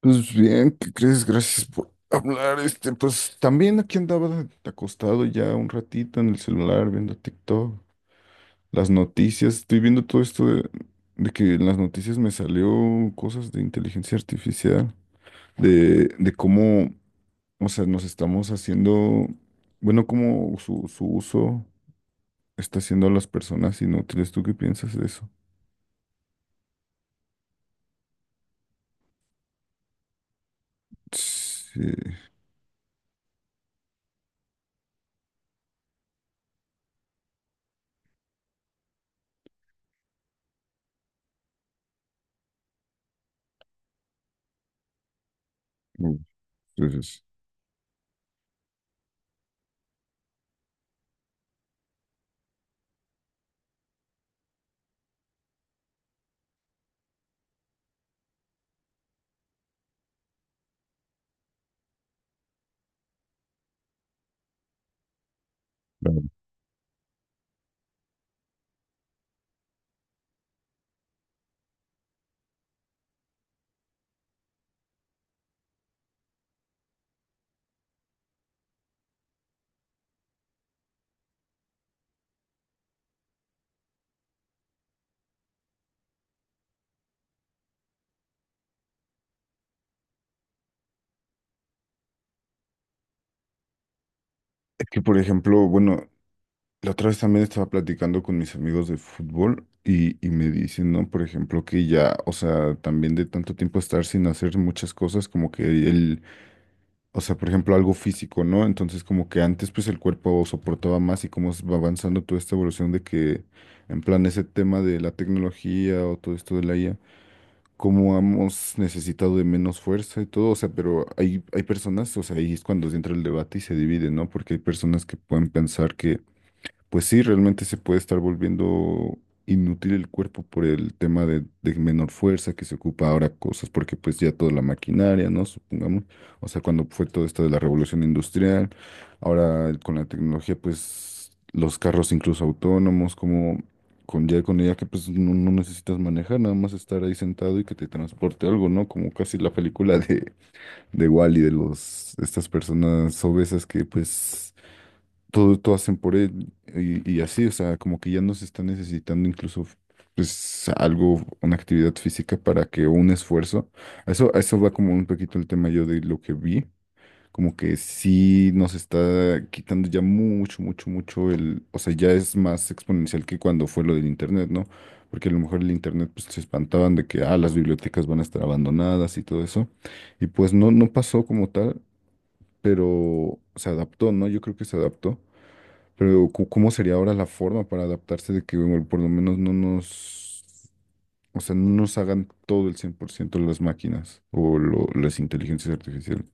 Pues bien, ¿qué crees? Gracias por hablar. Pues también aquí andaba acostado ya un ratito en el celular viendo TikTok, las noticias. Estoy viendo todo esto de que en las noticias me salió cosas de inteligencia artificial, de cómo, o sea, nos estamos haciendo, bueno, cómo su uso está haciendo a las personas inútiles. ¿Tú qué piensas de eso? Sí, entonces, claro. Es que, por ejemplo, bueno, la otra vez también estaba platicando con mis amigos de fútbol y me dicen, ¿no? Por ejemplo, que ya, o sea, también de tanto tiempo estar sin hacer muchas cosas, como que el, o sea, por ejemplo, algo físico, ¿no? Entonces, como que antes, pues el cuerpo soportaba más y cómo va avanzando toda esta evolución de que, en plan, ese tema de la tecnología o todo esto de la IA, cómo hemos necesitado de menos fuerza y todo, o sea, pero hay personas, o sea, ahí es cuando entra el debate y se divide, ¿no? Porque hay personas que pueden pensar que pues sí, realmente se puede estar volviendo inútil el cuerpo por el tema de menor fuerza que se ocupa ahora cosas, porque pues ya toda la maquinaria, ¿no? Supongamos, o sea, cuando fue todo esto de la revolución industrial, ahora con la tecnología, pues los carros incluso autónomos, como con ya con ella que pues no necesitas manejar, nada más estar ahí sentado y que te transporte algo, ¿no? Como casi la película de Wall-E, de los, estas personas obesas que pues todo, todo hacen por él y así, o sea, como que ya no se está necesitando incluso pues algo, una actividad física para que o un esfuerzo, a eso va como un poquito el tema yo de lo que vi, como que sí nos está quitando ya mucho, mucho, mucho el, o sea, ya es más exponencial que cuando fue lo del internet, ¿no? Porque a lo mejor el internet pues se espantaban de que, ah, las bibliotecas van a estar abandonadas y todo eso, y pues no pasó como tal, pero se adaptó, ¿no? Yo creo que se adaptó. Pero ¿cómo sería ahora la forma para adaptarse de que bueno, por lo menos no nos, o sea, no nos hagan todo el 100% las máquinas o las inteligencias artificiales?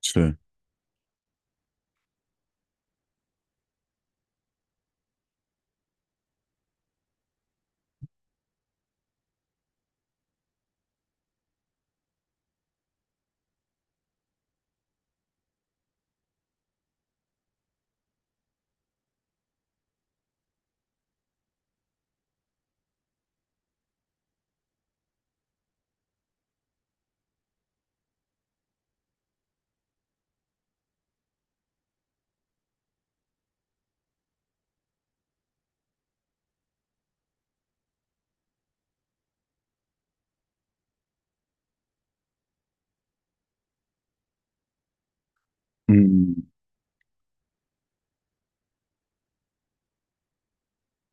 Sí. Mm,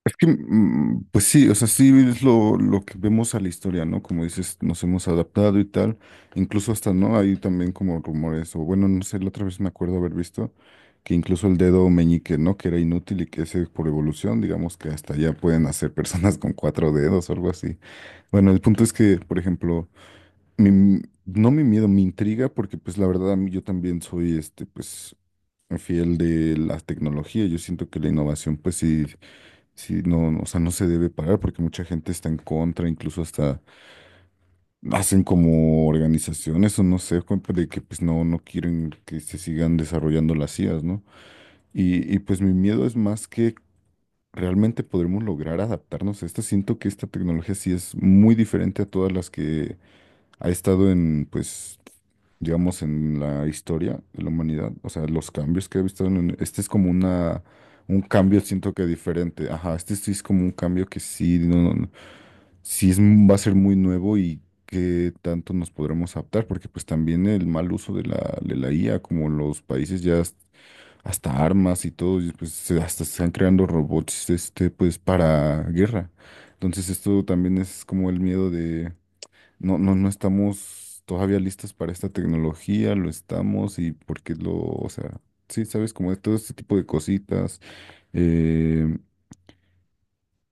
Es que, pues sí, o sea, sí es lo que vemos a la historia, ¿no? Como dices, nos hemos adaptado y tal. Incluso hasta, ¿no? Hay también como rumores, o bueno, no sé, la otra vez me acuerdo haber visto que incluso el dedo meñique, ¿no? Que era inútil y que ese por evolución, digamos que hasta ya pueden hacer personas con cuatro dedos o algo así. Bueno, el punto es que, por ejemplo, no mi miedo, mi intriga, porque pues la verdad a mí yo también soy pues, fiel de la tecnología. Yo siento que la innovación, pues sí, sí, no, no, o sea, no se debe parar porque mucha gente está en contra, incluso hasta hacen como organizaciones o no sé, como de que pues no quieren que se sigan desarrollando las CIAs, ¿no? Y pues mi miedo es más que realmente podremos lograr adaptarnos a esta. Siento que esta tecnología sí es muy diferente a todas las que ha estado en, pues, digamos, en la historia de la humanidad, o sea, los cambios que ha visto, este es como un cambio, siento que diferente, ajá, este sí es como un cambio que sí, no, no, no, sí es, va a ser muy nuevo y qué tanto nos podremos adaptar, porque pues también el mal uso de la, IA, como los países ya hasta armas y todo, y, pues hasta se están creando robots, pues, para guerra. Entonces esto también es como el miedo no estamos todavía listos para esta tecnología, lo estamos y porque lo, o sea, sí, sabes, como de todo este tipo de cositas. eh,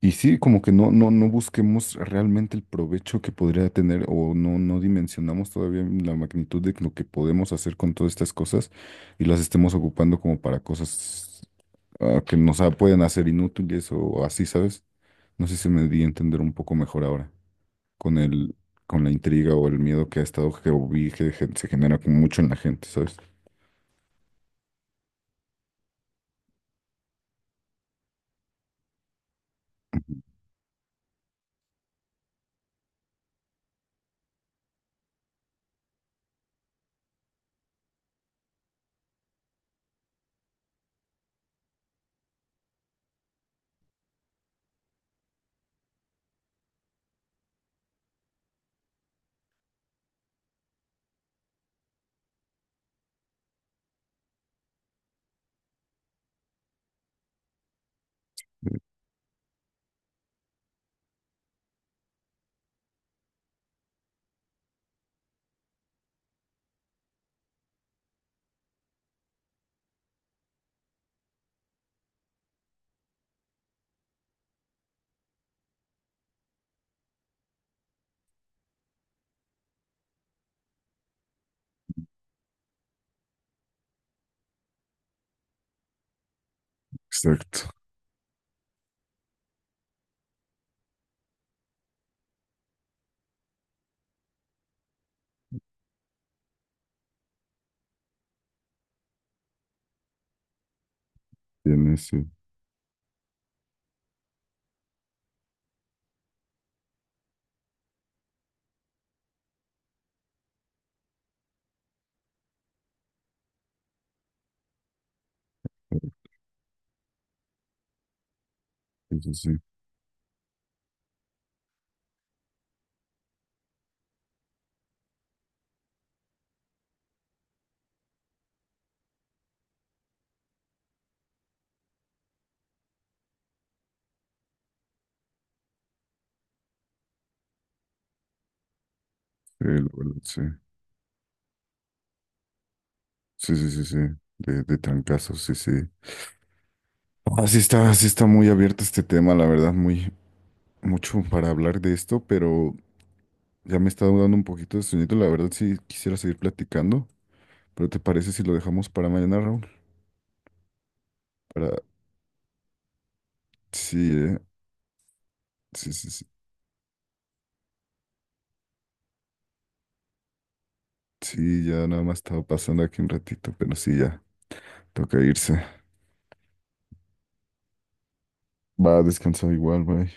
y sí, como que no busquemos realmente el provecho que podría tener o no dimensionamos todavía la magnitud de lo que podemos hacer con todas estas cosas y las estemos ocupando como para cosas que nos pueden hacer inútiles o así, ¿sabes? No sé si me di a entender un poco mejor ahora con el, con la intriga o el miedo que ha estado que vi que se genera como mucho en la gente, ¿sabes? Ujú. Exacto. Tiene, sí. Sí, sí, sí. Sí, la verdad, sí. Sí, sí, sí, sí. De trancazos, sí, sí. Así está, sí está muy abierto este tema, la verdad, mucho para hablar de esto, pero ya me está dando un poquito de sueñito, la verdad sí quisiera seguir platicando, pero ¿te parece si lo dejamos para mañana, Raúl? Para, sí, sí, sí, sí, sí, ya nada más estaba pasando aquí un ratito, pero sí, ya. Toca irse. Va, descansa igual, bye.